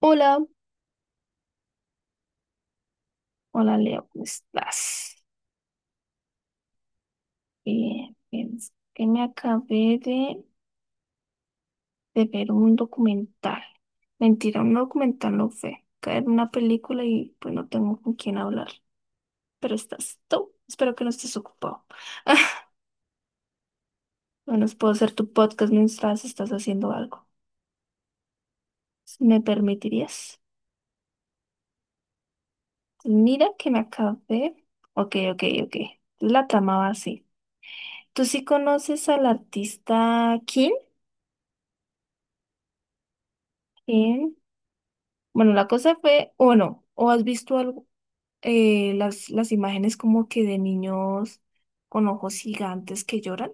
Hola, hola Leo, ¿cómo estás? Bien, es que me acabé de ver un documental. Mentira, un documental no fue. Caer en una película y pues no tengo con quién hablar. Pero estás tú. Espero que no estés ocupado. Bueno, puedo hacer tu podcast mientras estás haciendo algo. Si, ¿me permitirías? Mira que me acabé. Ok. La trama va así. ¿Tú sí conoces al artista Kim? Bueno, la cosa fue, o bueno, o has visto algo, las imágenes como que de niños con ojos gigantes que lloran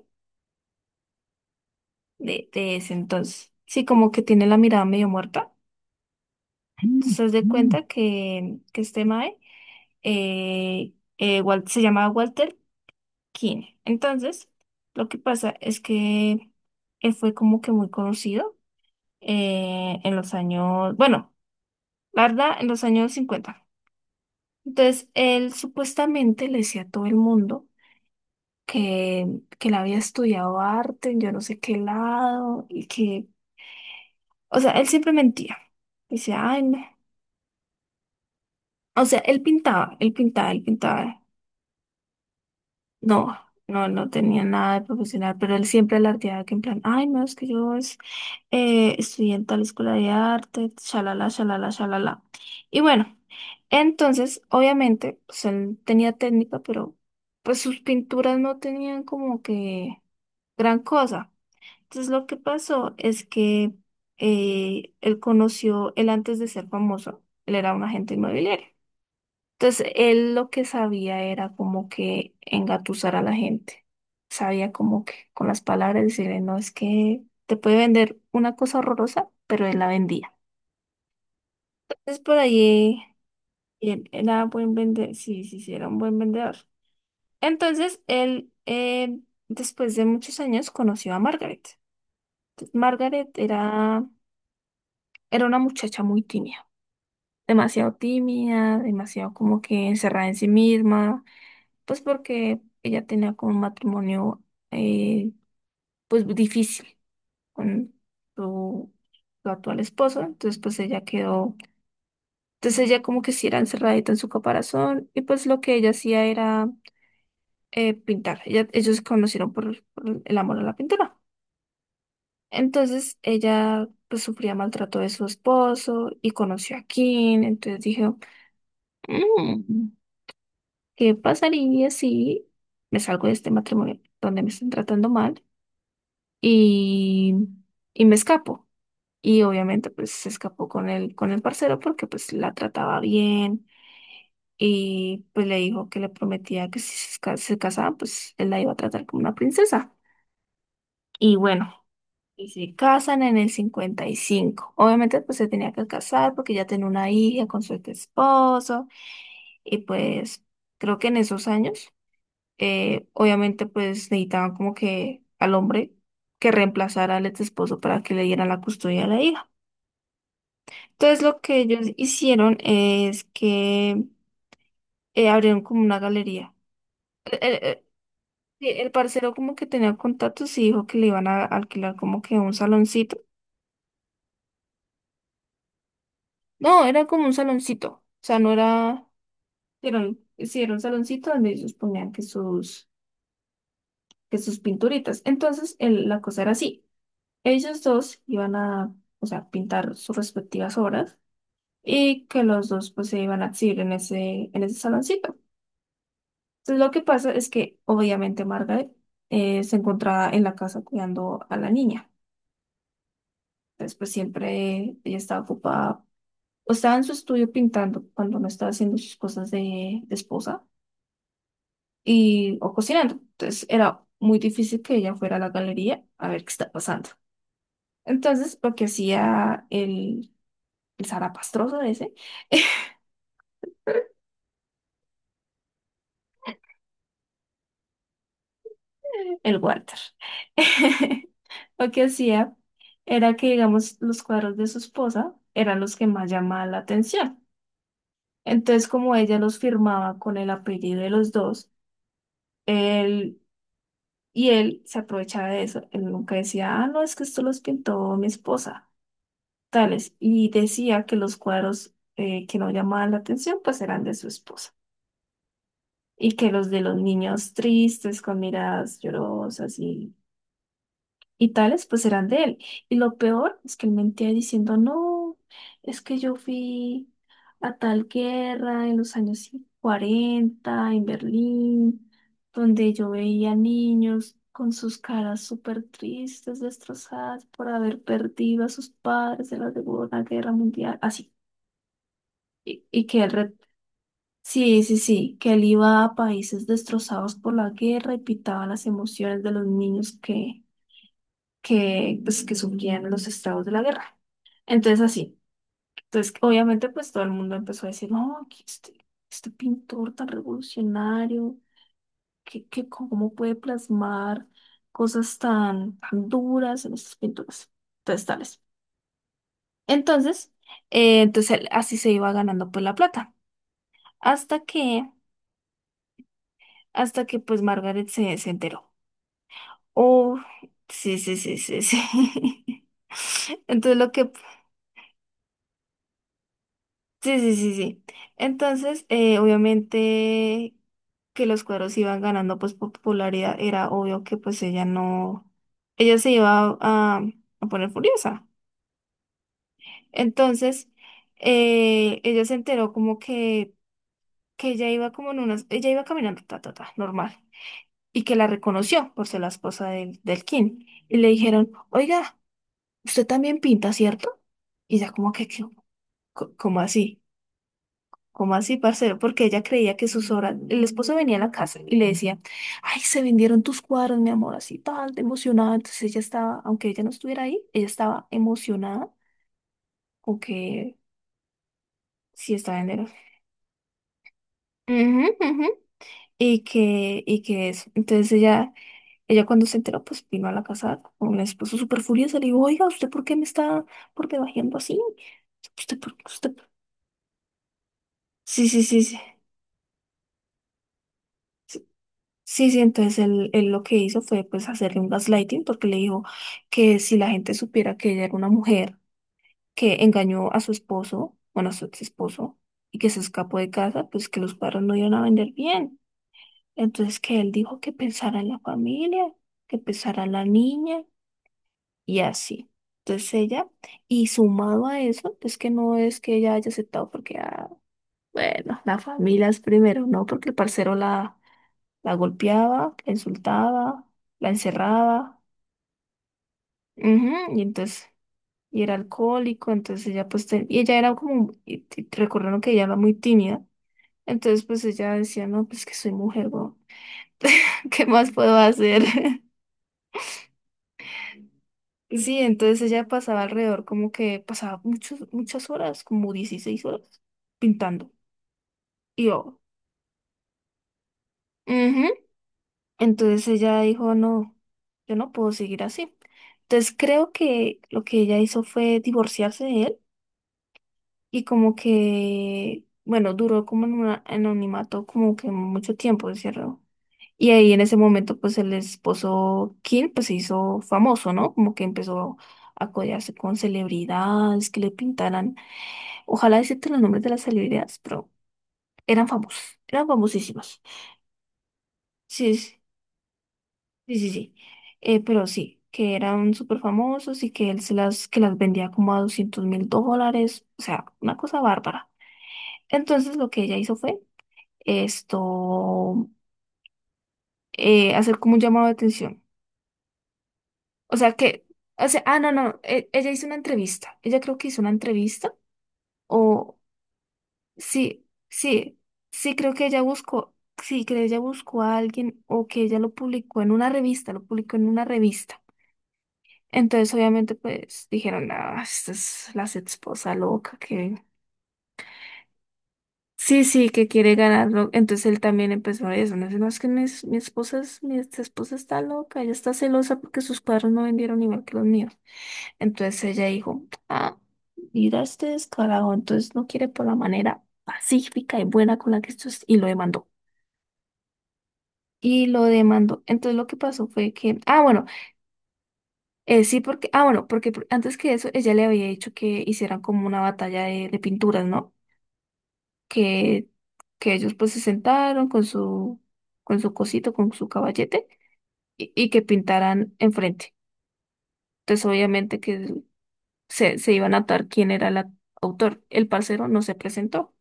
de ese entonces. Sí, como que tiene la mirada medio muerta. Entonces, haz de cuenta que este mae se llamaba Walter King. Entonces, lo que pasa es que él fue como que muy conocido en los años, bueno, la verdad, en los años 50. Entonces, él supuestamente le decía a todo el mundo que, que él había estudiado arte en yo no sé qué lado y que, o sea, él siempre mentía. Dice, ay, no. O sea, él pintaba. No, no tenía nada de profesional, pero él siempre alardeaba que en plan, ay, no, es que yo es, estudié en tal escuela de arte, shalala, shalala, shalala. Y bueno, entonces, obviamente, pues él tenía técnica, pero pues sus pinturas no tenían como que gran cosa. Entonces, lo que pasó es que él antes de ser famoso, él era un agente inmobiliario. Entonces, él lo que sabía era como que engatusar a la gente. Sabía como que con las palabras decirle, no, es que te puede vender una cosa horrorosa, pero él la vendía. Entonces, por ahí, él era buen vendedor, sí, era un buen vendedor. Entonces, él, después de muchos años, conoció a Margaret. Entonces, era una muchacha muy tímida, demasiado como que encerrada en sí misma, pues porque ella tenía como un matrimonio, eh, pues difícil con su, su actual esposo, entonces pues ella quedó, entonces ella como que sí era encerradita en su caparazón y pues lo que ella hacía era pintar, ella, ellos se conocieron por el amor a la pintura, entonces ella pues sufría maltrato de su esposo y conoció a Kim, entonces dijo, "Mm, ¿qué pasaría si me salgo de este matrimonio donde me están tratando mal? Y, y me escapo." Y obviamente pues se escapó con el parcero porque pues la trataba bien y pues le dijo que le prometía que si se casaban pues él la iba a tratar como una princesa. Y bueno, y se casan en el 55. Obviamente pues se tenía que casar porque ya tenía una hija con su esposo y pues creo que en esos años, obviamente pues necesitaban como que al hombre que reemplazara al ex esposo para que le diera la custodia de la hija. Entonces lo que ellos hicieron es que abrieron como una galería. El, el- el- el parcero como que tenía contactos y dijo que le iban a alquilar como que un saloncito. No, era como un saloncito. O sea, no era... Hicieron un saloncito donde ellos ponían que sus pinturitas. Entonces la cosa era así. Ellos dos iban a, o sea, pintar sus respectivas obras y que los dos pues se iban a exhibir en ese saloncito. Entonces lo que pasa es que obviamente Margaret se encontraba en la casa cuidando a la niña. Entonces pues siempre ella estaba ocupada o estaba en su estudio pintando cuando no estaba haciendo sus cosas de esposa y o cocinando. Entonces era muy difícil que ella fuera a la galería a ver qué está pasando. Entonces lo que hacía el zarapastroso ese. El water. Lo que hacía era que, digamos, los cuadros de su esposa eran los que más llamaban la atención. Entonces, como ella los firmaba con el apellido de los dos, él y él se aprovechaba de eso. Él nunca decía, ah, no, es que esto los pintó mi esposa, tales. Y decía que los cuadros que no llamaban la atención, pues eran de su esposa. Y que los de los niños tristes, con miradas llorosas y tales, pues eran de él. Y lo peor es que él mentía diciendo, no, es que yo fui a tal guerra en los años 40, en Berlín, donde yo veía niños con sus caras súper tristes, destrozadas por haber perdido a sus padres en la Segunda Guerra Mundial, así. Y, sí, sí, sí, que él iba a países destrozados por la guerra y pitaba las emociones de los niños pues, que surgían los estados de la guerra. Entonces así, entonces obviamente pues todo el mundo empezó a decir, no, que este pintor tan revolucionario, que cómo puede plasmar cosas tan duras en estas pinturas, entonces tales. Entonces, así se iba ganando pues la plata, hasta que, hasta que pues Margaret se enteró. Oh, sí, sí, sí, sí, sí. Entonces lo que... Sí, sí, sí, sí. Entonces, obviamente que los cuadros iban ganando pues popularidad, era obvio que pues ella no, ella se iba a poner furiosa. Entonces, ella se enteró como que ella iba como en unas, ella iba caminando, ta, ta, ta, normal, y que la reconoció por ser la esposa del King. Y le dijeron, oiga, usted también pinta, ¿cierto? Y ella como que, "¿Qué? ¿Cómo así? ¿Cómo así, parcero?" Porque ella creía que sus obras, el esposo venía a la casa y le decía, ay, se vendieron tus cuadros, mi amor, así tal, de emocionada. Entonces ella estaba, aunque ella no estuviera ahí, ella estaba emocionada con que sí estaba vendiendo. Ujú, ujú. Y que eso. Entonces ella cuando se enteró, pues vino a la casa con el esposo súper furiosa, le dijo, oiga, ¿usted por qué me está por debajeando así? ¿Usted por usted? Por-". Sí, sí, sí, sí. Sí, sí, entonces él lo que hizo fue pues hacerle un gaslighting porque le dijo que si la gente supiera que ella era una mujer que engañó a su esposo, bueno, a su ex esposo, y que se escapó de casa, pues que los padres no iban a vender bien. Entonces que él dijo que pensara en la familia, que pensara en la niña y así. Entonces ella, y sumado a eso, es que no es que ella haya aceptado porque, ah, bueno, la familia es primero, ¿no? Porque el parcero la golpeaba, la insultaba, la encerraba. Ujú, y entonces, y era alcohólico, entonces ella pues, y ella era como, y recordaron que ella era muy tímida. Entonces pues ella decía, no, pues que soy mujer, weón, ¿qué más puedo hacer? Sí, entonces ella pasaba alrededor, como que pasaba muchas horas, como 16 horas, pintando. Y yo, ujú. Entonces ella dijo, no, yo no puedo seguir así. Entonces creo que lo que ella hizo fue divorciarse de él y como que, bueno, duró como en un anonimato como que mucho tiempo, ¿cierto? Y ahí en ese momento, pues el esposo Kim, pues se hizo famoso, ¿no? Como que empezó a codearse con celebridades que le pintaran, ojalá decirte los nombres de las celebridades, pero eran famosos, eran famosísimos. Sí, sí, sí, sí. Sí. Pero sí, que eran súper famosos y que que las vendía como a $200,000, o sea, una cosa bárbara. Entonces lo que ella hizo fue esto, hacer como un llamado de atención. O sea que, o sea, ah, no, no, e- ella hizo una entrevista. Ella creo que hizo una entrevista. O sí, sí, sí, creo que sí, que ella buscó a alguien o que ella lo publicó en una revista, lo publicó en una revista. Entonces, obviamente, pues dijeron, ah, esta es la esposa loca que... Sí, sí, que quiere ganarlo. Entonces él también empezó a eso. No sé, no, es que mi esposa es, mi ex esposa está loca, ella está celosa porque sus padres no vendieron igual que los míos. Entonces ella dijo, ah, mira este descarado, entonces no quiere por la manera pacífica y buena con la que esto es, y lo demandó. Y lo demandó. Entonces lo que pasó fue que, ah, bueno, sí, porque, ah, bueno, porque antes que eso, ella le había dicho que hicieran como una batalla de pinturas, ¿no? que, que ellos pues se sentaron con con su cosito, con su caballete y que pintaran enfrente. Entonces obviamente que se iban a notar quién era el autor. El parcero no se presentó.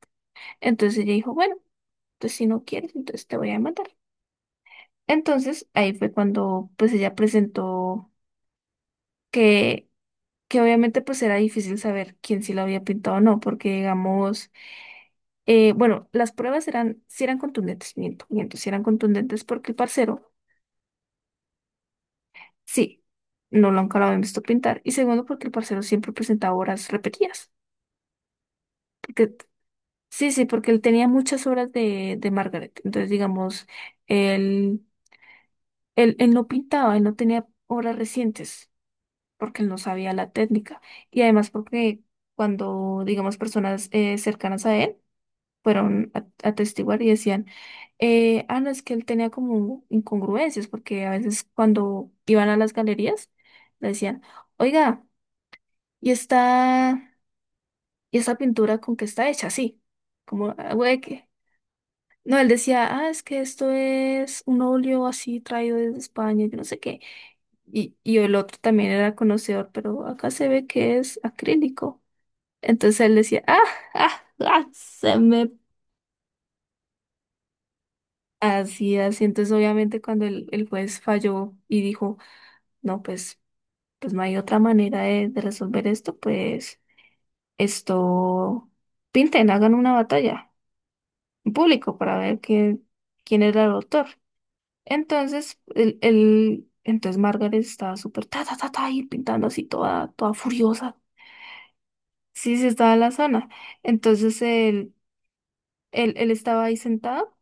Entonces ella dijo, bueno, entonces si no quieres, entonces te voy a matar. Entonces ahí fue cuando pues ella presentó que que obviamente pues era difícil saber quién sí lo había pintado o no, porque digamos, bueno, las pruebas eran, sí eran contundentes, miento, miento, sí eran contundentes porque el parcero, sí, no lo habían visto pintar, y segundo porque el parcero siempre presentaba obras repetidas, porque sí, sí, porque él tenía muchas obras de Margaret, entonces digamos, él, él no pintaba, él no tenía obras recientes, porque él no sabía la técnica, y además porque cuando, digamos, personas cercanas a él, fueron a atestiguar y decían, no, es que él tenía como incongruencias, porque a veces cuando iban a las galerías, le decían, oiga, ¿y esta, ¿y esta pintura con qué está hecha? Sí, como, "Ah, güey, que..." No, él decía, ah, es que esto es un óleo así traído desde España, yo no sé qué. Y el otro también era conocedor, pero acá se ve que es acrílico. Entonces él decía, ah, se me... Así, así. Entonces, obviamente, cuando el juez falló y dijo, no, pues no hay otra manera de resolver esto, pues esto, pinten, hagan una batalla en público para ver quién, quién era el autor. Entonces, Margaret estaba súper ta, ta, ta, ta, y pintando así toda, toda furiosa. Sí, sí, estaba en la zona. Entonces, él estaba ahí sentado.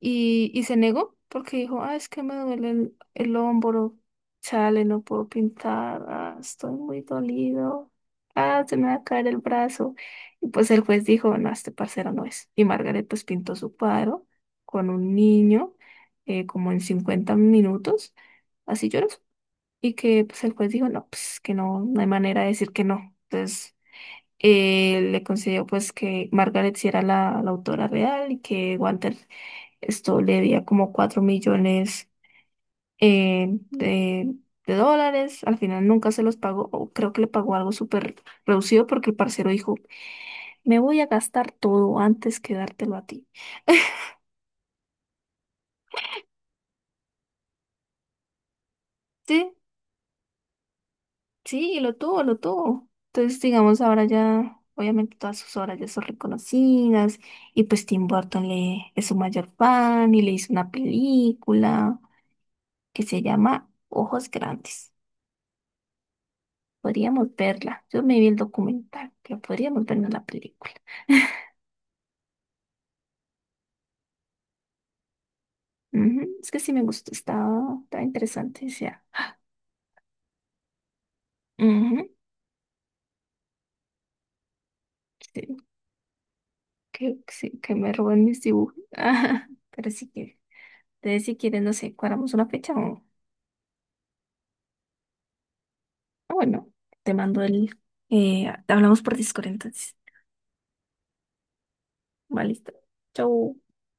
Y se negó porque dijo, ah, es que me duele el hombro, chale, no puedo pintar, ah, estoy muy dolido, ah, se me va a caer el brazo. Y pues el juez dijo, no, este parcero no es. Y Margaret pues pintó su cuadro con un niño como en 50 minutos, así lloroso. Y que pues el juez dijo, no, pues que no, no hay manera de decir que no. Entonces le concedió pues que Margaret sí era la, la autora real y que Walter esto le debía como 4 millones eh, de, de dólares. Al final nunca se los pagó, o creo que le pagó algo súper reducido porque el parcero dijo, me voy a gastar todo antes que dártelo a ti. Sí, sí, y lo tuvo, lo tuvo. Entonces, digamos, ahora ya, obviamente todas sus obras ya son reconocidas y pues Tim Burton le, es su mayor fan y le hizo una película que se llama Ojos Grandes. Podríamos verla. Yo me vi el documental, pero podríamos vernos la película. Ujú, es que sí me gustó, estaba, estaba interesante. O sea, ujú, sí, que, sí, que me roben mis dibujos. Ajá, pero sí que, entonces si quieres, no sé, cuadramos una fecha o bueno, te mando el, hablamos por Discord entonces. Vale, listo. Chau.